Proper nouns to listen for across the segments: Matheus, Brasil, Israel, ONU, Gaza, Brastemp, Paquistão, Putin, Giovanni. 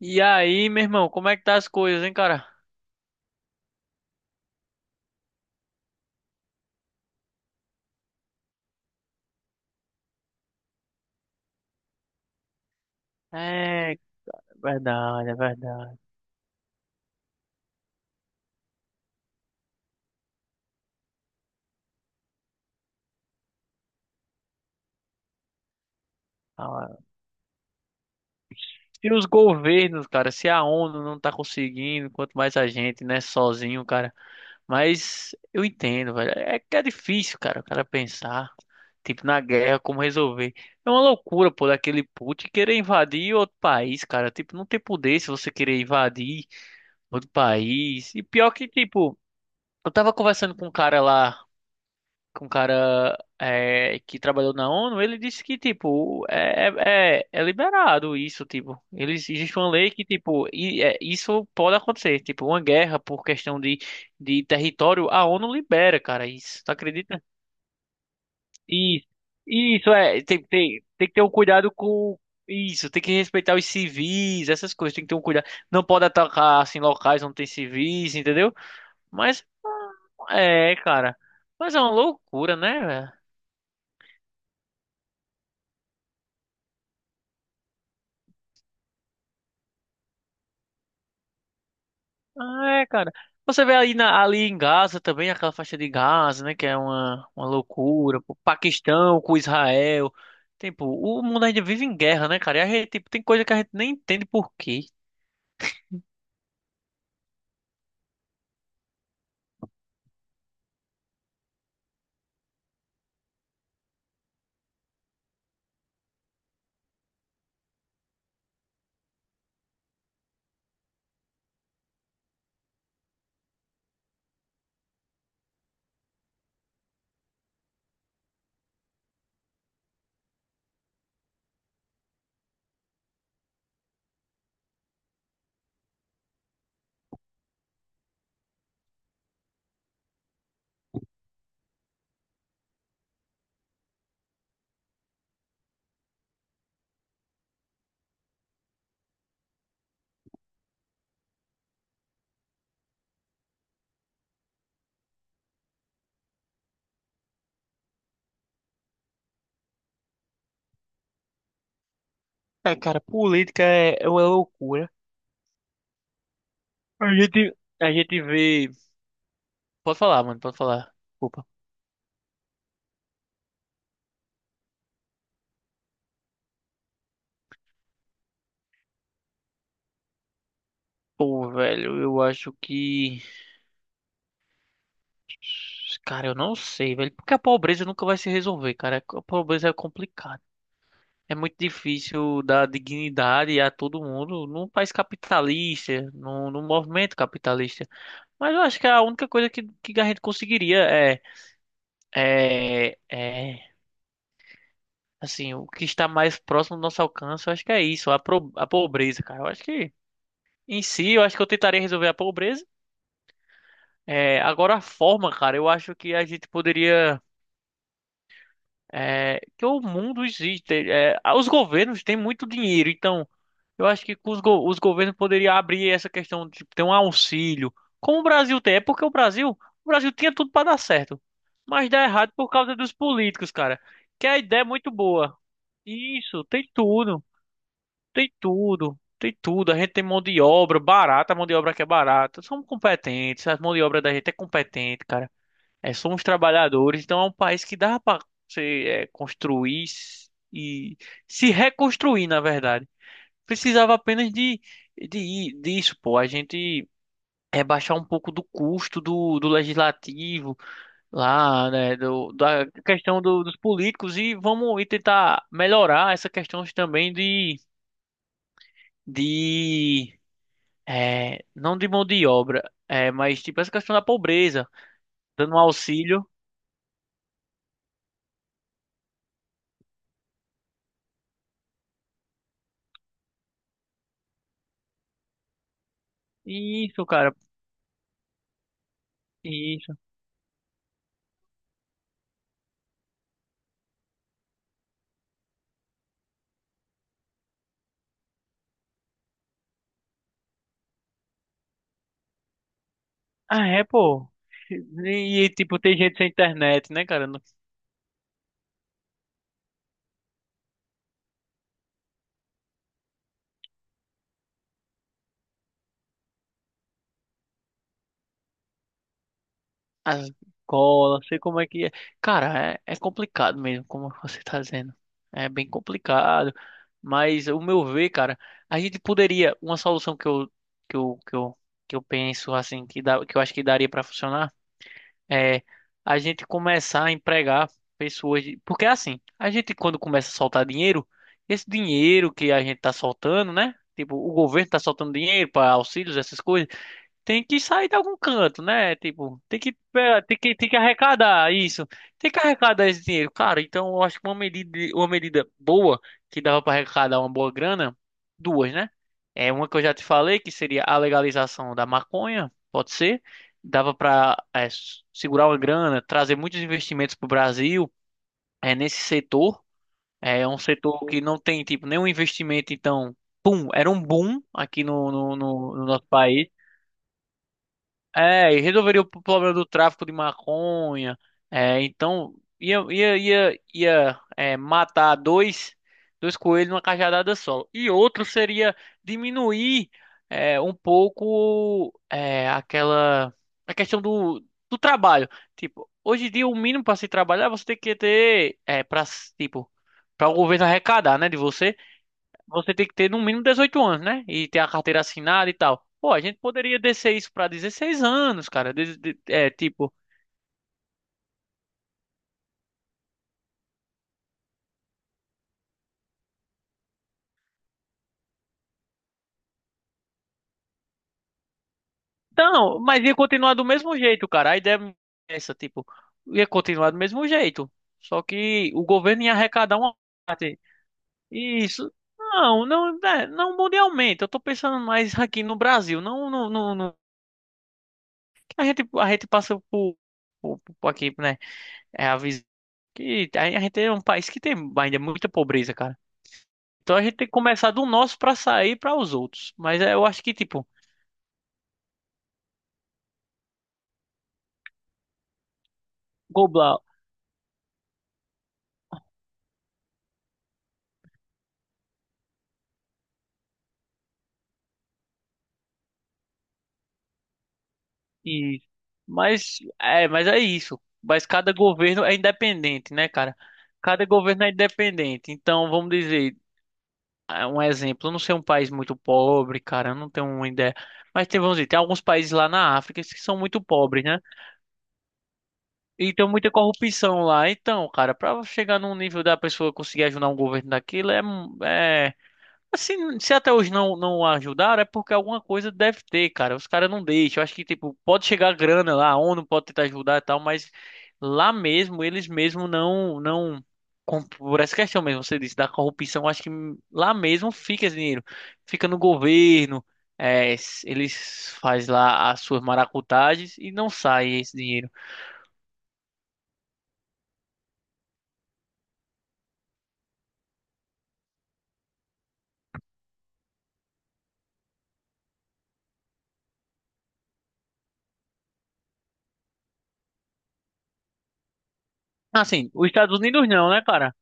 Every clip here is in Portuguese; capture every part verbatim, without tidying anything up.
E aí, meu irmão, como é que tá as coisas, hein, cara? É, é verdade, é verdade. Ah, Se os governos, cara, se a ONU não tá conseguindo, quanto mais a gente, né, sozinho, cara. Mas eu entendo, velho. É que é difícil, cara, o cara pensar, tipo, na guerra, como resolver. É uma loucura, pô, daquele Putin querer invadir outro país, cara. Tipo, não tem poder se você querer invadir outro país. E pior que, tipo, eu tava conversando com um cara lá. Com um cara é, que trabalhou na ONU. Ele disse que, tipo, é, é, é é liberado isso, tipo. Eles, existe uma lei que, tipo, e, é, isso pode acontecer. Tipo, uma guerra por questão de, de território, a ONU libera, cara, isso. Tu acredita? E e isso é, tem, tem, tem que ter um cuidado com... Isso, tem que respeitar os civis, essas coisas, tem que ter um cuidado. Não pode atacar, assim, locais onde tem civis, entendeu? Mas, é, cara, mas é uma loucura, né, velho? Ah, é, cara. Você vê ali, na- ali em Gaza também, aquela faixa de Gaza, né? Que é uma, uma loucura. O Paquistão com Israel. Tipo, o mundo ainda vive em guerra, né, cara? E a gente, tipo, tem coisa que a gente nem entende por quê. É, cara, política é, é uma loucura. A gente, a gente vê. Pode falar, mano, pode falar. Desculpa. Pô, velho, eu acho que. Cara, eu não sei, velho. Porque a pobreza nunca vai se resolver, cara. A pobreza é complicada. É muito difícil dar dignidade a todo mundo num país capitalista, num, num movimento capitalista. Mas eu acho que a única coisa que, que a gente conseguiria é, é, é, assim, o que está mais próximo do nosso alcance, eu acho que é isso, a, pro, a pobreza, cara. Eu acho que, em si, eu acho que eu tentaria resolver a pobreza. É, agora, a forma, cara, eu acho que a gente poderia. É, que o mundo existe. É, os governos têm muito dinheiro, então. Eu acho que os, go- os governos poderiam abrir essa questão de tipo, ter um auxílio. Como o Brasil tem, é porque o Brasil, o Brasil tinha tudo para dar certo, mas dá errado por causa dos políticos, cara. Que a ideia é muito boa. Isso, tem tudo, tem tudo, tem tudo. A gente tem mão de obra barata, a mão de obra que é barata. Somos competentes, a mão de obra da gente é competente, cara. É, somos trabalhadores, então é um país que dá para você é, construir e se reconstruir, na verdade. Precisava apenas de, de disso, pô. A gente é baixar um pouco do custo do, do legislativo lá, né, do, da questão do- dos políticos e vamos e tentar melhorar essa questão também de, de é, não de mão de obra, é, mas tipo essa questão da pobreza, dando um auxílio. Isso, cara, isso. Ah, é, pô. E, e, tipo, tem gente sem internet, né, cara? As golas, sei como é que é. Cara, é, é complicado mesmo, como você tá dizendo. É bem complicado, mas o meu ver, cara, a gente poderia, uma solução que eu que eu, que eu, que eu penso assim, que dá, que eu acho que daria para funcionar, é a gente começar a empregar pessoas, de- porque é assim, a gente quando começa a soltar dinheiro, esse dinheiro que a gente tá soltando, né? Tipo, o governo tá soltando dinheiro para auxílios, essas coisas tem que sair de algum canto, né? Tipo, tem que, é, tem que, tem que arrecadar isso. Tem que arrecadar esse dinheiro. Cara, então eu acho que uma medida, uma medida boa que dava para arrecadar uma boa grana, duas, né? É uma que eu já te falei, que seria a legalização da maconha, pode ser. Dava para segurar uma grana, trazer muitos investimentos para o Brasil, é, nesse setor. É um setor que não tem, tipo, nenhum investimento, então, pum, era um boom aqui no, no no- no nosso país. É, e resolveria o problema do tráfico de maconha. É, então ia, ia, ia, ia é, matar dois, dois coelhos numa cajadada só. E outro seria diminuir é, um pouco é, aquela a questão do, do trabalho. Tipo, hoje em dia o mínimo para se trabalhar é você tem que ter é, para tipo para o governo arrecadar, né, de você você tem que ter no mínimo dezoito anos, né? E ter a carteira assinada e tal. Pô, a gente poderia descer isso pra dezesseis anos, cara. De- de- é, tipo. Não, mas ia continuar do mesmo jeito, cara. A ideia é essa, tipo, ia continuar do mesmo jeito. Só que o governo ia arrecadar uma parte. Isso. Não, não, é, não mundialmente. Eu tô pensando mais aqui no Brasil. Não, não, não, não. A gente, a gente passa por, por, por aqui, né? É a visão que a gente é um país que tem ainda é muita pobreza, cara. Então a gente tem que começar do nosso pra sair pra os outros. Mas é, eu acho que tipo, global e mas é, mas é isso. Mas cada governo é independente, né, cara? Cada governo é independente. Então, vamos dizer, ah, um exemplo, eu não sei um país muito pobre, cara, eu não tenho uma ideia. Mas tem, vamos dizer, tem alguns países lá na África que são muito pobres, né? E tem muita corrupção lá. Então, cara, pra chegar num nível da pessoa conseguir ajudar um governo daquilo é, é assim, se até hoje não, não ajudaram, é porque alguma coisa deve ter, cara. Os caras não deixam. Eu acho que, tipo, pode chegar grana lá, a ONU pode tentar ajudar e tal, mas lá mesmo, eles mesmo não, não. com- Por essa questão mesmo, você disse, da corrupção, eu acho que lá mesmo fica esse dinheiro. Fica no governo, é, s- eles faz lá as suas maracutagens e não sai esse dinheiro. Assim, os Estados Unidos não, né, cara?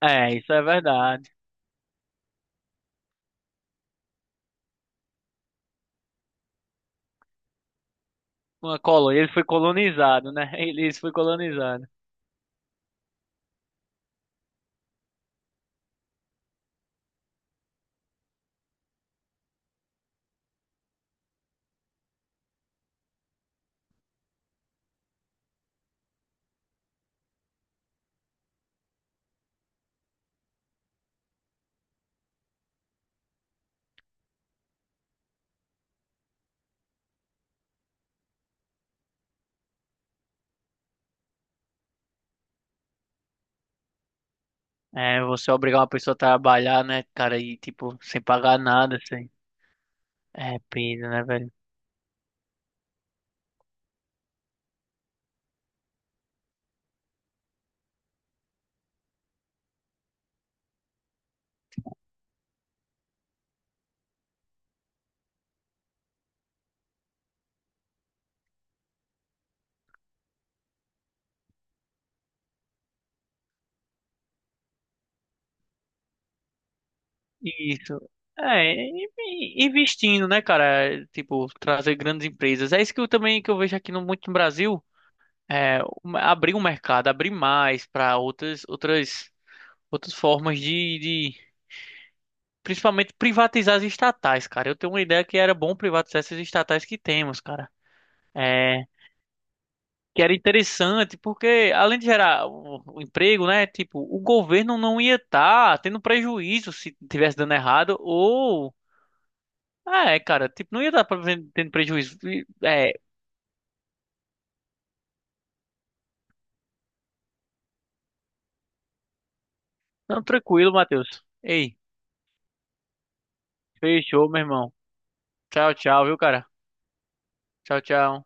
É, isso é verdade. Uma colônia, ele foi colonizado, né? Ele foi colonizado. É, você obrigar uma pessoa a trabalhar, né, cara, e tipo, sem pagar nada, assim. É pena, né, velho? Isso. É, e- e- investindo, né, cara? É, tipo, trazer grandes empresas. É isso que eu também que eu vejo aqui no, muito no Brasil. É, um- abrir um mercado, abrir mais para outras, outras, outras formas de, de. Principalmente privatizar as estatais, cara. Eu tenho uma ideia que era bom privatizar essas estatais que temos, cara. É, que era interessante, porque além de gerar o, o emprego, né, tipo, o governo não ia estar tendo prejuízo se tivesse dando errado, ou... Ah, é, cara, tipo, não ia estar tendo prejuízo. E, é, não, tranquilo, Matheus. Ei, fechou, meu irmão. Tchau, tchau, viu, cara? Tchau, tchau.